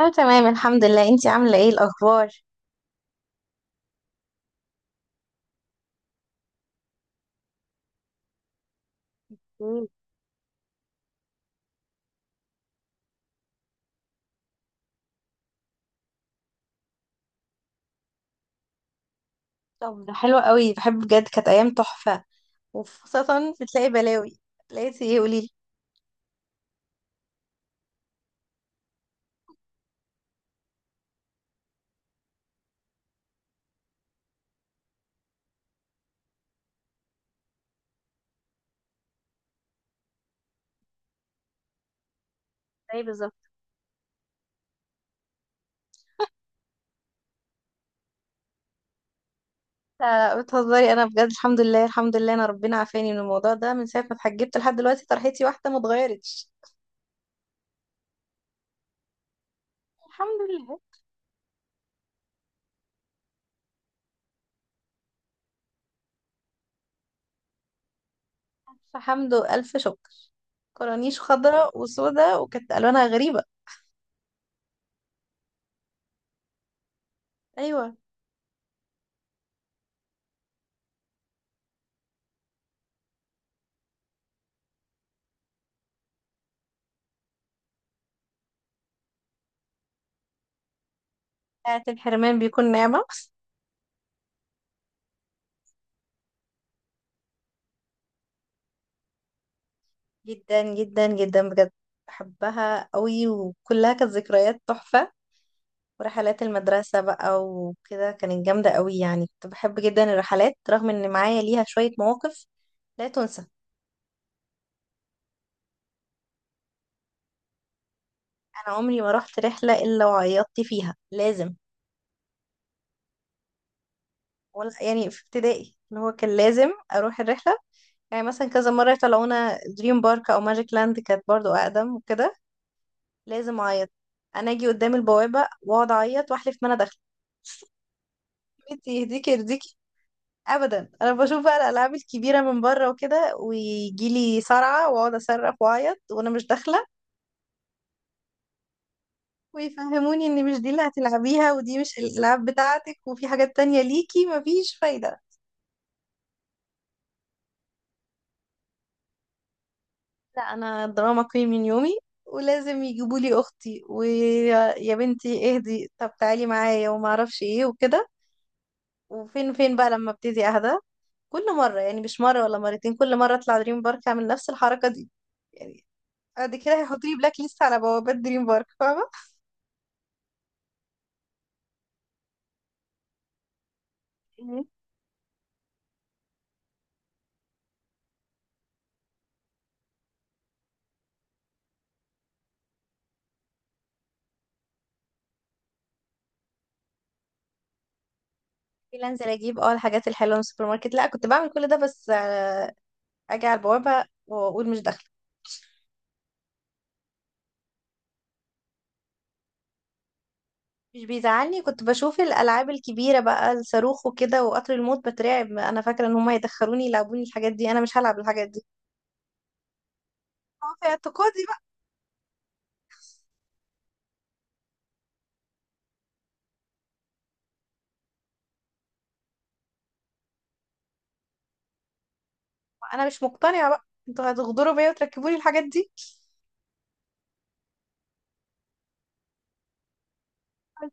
اه، تمام الحمد لله. انتي عاملة ايه الأخبار؟ مم. طب ده حلو قوي، بحب بجد كانت أيام تحفة، وخاصة بتلاقي بلاوي. لقيتي ايه قوليلي. اي بالظبط. لا بتهزري، أنا بجد الحمد لله الحمد لله أنا ربنا عافاني من الموضوع ده، من ساعة ما اتحجبت لحد دلوقتي طرحتي واحدة ما اتغيرتش الحمد لله. ألف حمد وألف شكر. كورانيش خضراء وسوداء وكانت ألوانها غريبة. أيوة. ساعة الحرمان بيكون نعمة. جدا جدا جدا بجد، بحبها قوي وكلها كانت ذكريات تحفة. ورحلات المدرسة بقى وكده كانت جامدة قوي، يعني كنت بحب جدا الرحلات رغم ان معايا ليها شوية مواقف لا تنسى. انا عمري ما رحت رحلة الا وعيطت فيها، لازم. ولا يعني في ابتدائي اللي هو كان لازم اروح الرحلة، يعني مثلا كذا مرة يطلعونا دريم بارك او ماجيك لاند كانت برضو اقدم وكده. لازم اعيط. انا اجي قدام البوابة واقعد اعيط واحلف ما انا داخلة. انتي يهديكي يرضيكي. ابدا، انا بشوف بقى الالعاب الكبيره من بره وكده ويجي لي صرعه واقعد اصرخ واعيط وانا مش داخله. ويفهموني ان مش دي اللي هتلعبيها ودي مش الالعاب بتاعتك وفي حاجات تانية ليكي، مفيش فايده. لا انا دراما كوين من يومي. ولازم يجيبوا لي اختي، ويا يا بنتي اهدي طب تعالي معايا وما اعرفش ايه وكده. وفين فين بقى لما ابتدي اهدى. كل مره، يعني مش مره ولا مرتين، كل مره اطلع دريم بارك اعمل نفس الحركه دي يعني. بعد كده هيحطوا لي بلاك ليست على بوابات دريم بارك فاهمه. مم. انزل اجيب اه الحاجات الحلوه من السوبر ماركت، لا كنت بعمل كل ده بس اجي على البوابه واقول مش داخله. مش بيزعلني، كنت بشوف الالعاب الكبيره بقى الصاروخ وكده وقطر الموت بترعب، انا فاكره ان هم هيدخلوني يلعبوني الحاجات دي، انا مش هلعب الحاجات دي. هو في اعتقادي بقى، انا مش مقتنعه بقى، انتوا هتغدروا بيا وتركبوني الحاجات دي.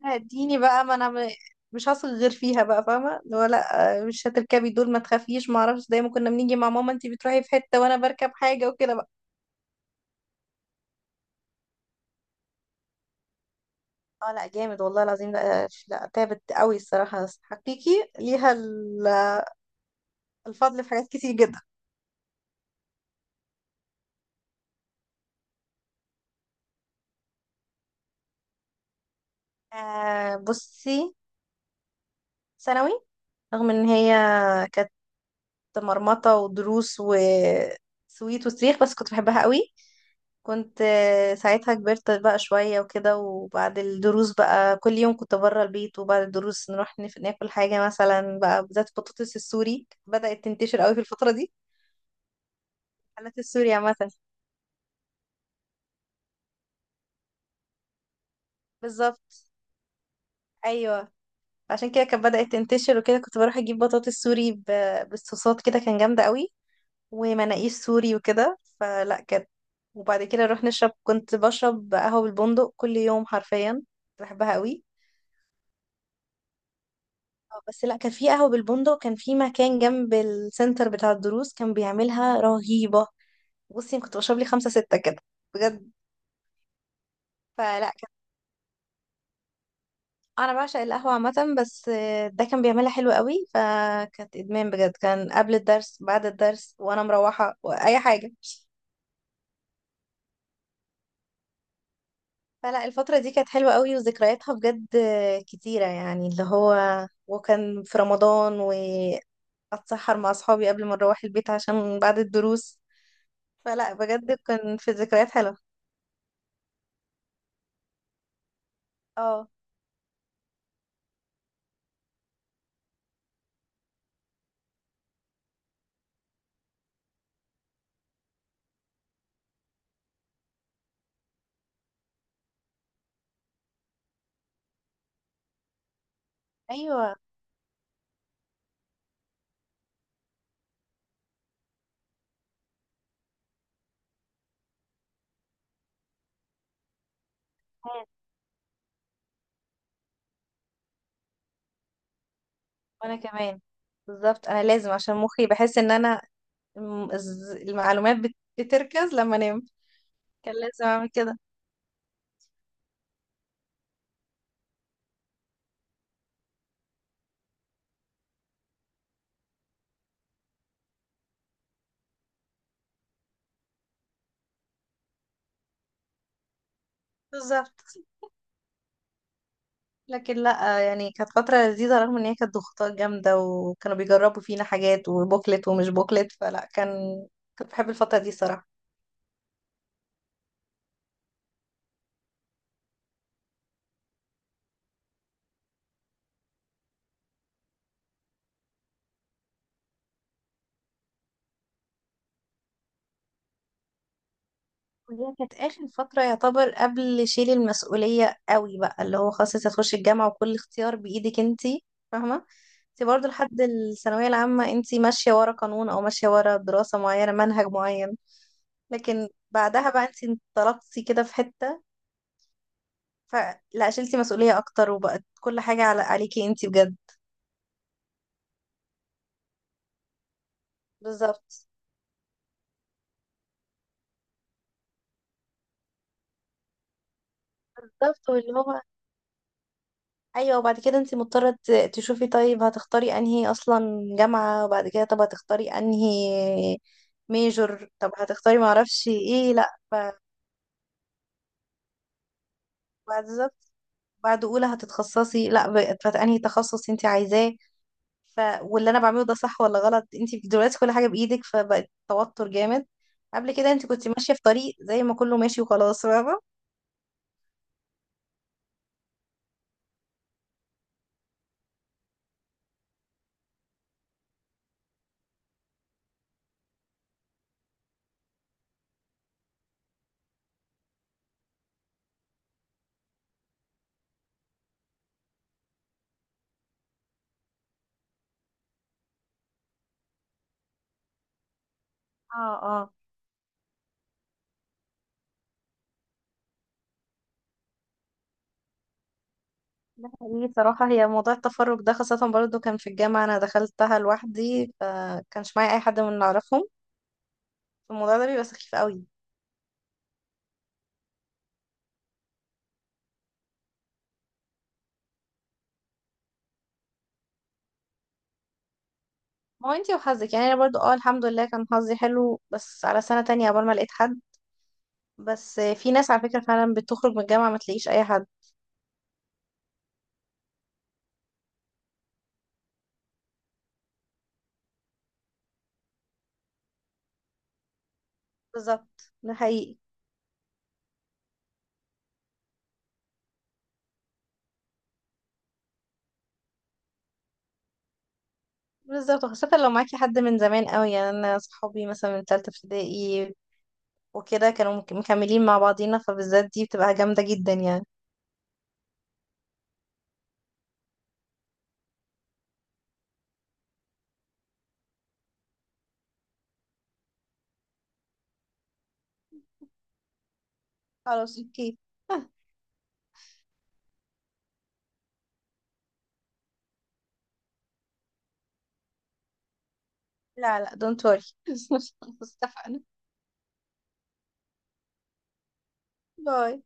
هديني بقى، ما انا م- مش هثق غير فيها بقى، فاهمه اللي هو لا مش هتركبي دول ما تخافيش ما اعرفش، زي ما كنا بنيجي مع ماما انتي بتروحي في حته وانا بركب حاجه وكده بقى. اه لا جامد والله العظيم، لا تعبت قوي الصراحة، بس حقيقي ليها الفضل في حاجات كتير جدا. آه بصي، ثانوي. رغم ان هي كانت مرمطة ودروس وسويت وصريخ بس كنت بحبها قوي. كنت ساعتها كبرت بقى شوية وكده، وبعد الدروس بقى كل يوم كنت بره البيت، وبعد الدروس نروح ناكل حاجة مثلا بقى، بالذات البطاطس السوري بدأت تنتشر قوي في الفترة دي. محلات السوري عامة. بالظبط. ايوه، عشان كده كانت بدأت تنتشر وكده، كنت بروح اجيب بطاطس سوري بالصوصات كده كان جامدة قوي. ومناقيش سوري وكده، فلا كانت. وبعد كده نروح نشرب، كنت بشرب قهوة بالبندق كل يوم حرفيا، كنت بحبها قوي. بس لا كان في قهوة بالبندق كان في مكان جنب السنتر بتاع الدروس كان بيعملها رهيبة. بصي أنا كنت بشرب لي خمسة ستة كده، بجد. فلا انا بعشق القهوه عامه، بس ده كان بيعملها حلو قوي، فكانت ادمان بجد، كان قبل الدرس بعد الدرس وانا مروحه واي حاجه. فلا الفتره دي كانت حلوه قوي وذكرياتها بجد كتيره، يعني اللي هو وكان في رمضان واتسحر مع اصحابي قبل ما نروح البيت عشان بعد الدروس. فلا بجد كان في ذكريات حلوه. اه. ايوه وانا كمان، بالظبط انا لازم، عشان مخي بحس ان انا المعلومات بتركز لما انام، كان لازم اعمل كده. بالظبط. لكن لا، يعني كانت فترة لذيذة، رغم ان هي كانت ضغوطات جامدة، وكانوا بيجربوا فينا حاجات، وبوكلت ومش بوكلت، فلا كان، كنت بحب الفترة دي صراحة. وهي كانت آخر فترة يعتبر قبل شيل المسؤولية قوي بقى، اللي هو خلاص انت هتخشي الجامعة وكل اختيار بإيدك انتي فاهمة. انتي برضه لحد الثانوية العامة انتي ماشية ورا قانون، او ماشية ورا دراسة معينة منهج معين. لكن بعدها بقى انتي انطلقتي كده في حتة، فلا شلتي مسؤولية اكتر، وبقت كل حاجة على عليكي انتي بجد. بالظبط. بالظبط واللي هو، ايوه وبعد كده انت مضطره تشوفي طيب هتختاري انهي اصلا جامعه، وبعد كده طب هتختاري انهي ميجور، طب هتختاري معرفش ايه، لا بعد بالظبط، بعد اولى هتتخصصي لا فانهي تخصص انت عايزاه. ف واللي انا بعمله ده صح ولا غلط، انت دلوقتي كل حاجه بايدك، فبقت توتر جامد. قبل كده انت كنت ماشيه في طريق زي ما كله ماشي وخلاص، فاهمه. اه اه. ده حقيقي صراحة، هي موضوع التفرج ده خاصة برضو كان في الجامعة أنا دخلتها لوحدي فكانش معايا أي حد من اللي أعرفهم، الموضوع ده بيبقى سخيف قوي. ما هو انتي وحظك، يعني أنا برضو اه الحمد لله كان حظي حلو، بس على سنة تانية عقبال ما لقيت حد. بس في ناس على فكرة فعلا بتخرج من الجامعة ما تلاقيش أي حد. بالظبط ده حقيقي. بالظبط، خاصة لو معاكي حد من زمان قوي، يعني أنا صحابي مثلا من تالتة ابتدائي وكده كانوا مكملين مع بعضينا، فبالذات دي بتبقى جامدة جدا يعني. خلاص اوكي. لا لا دونت وري. اتفقنا. باي.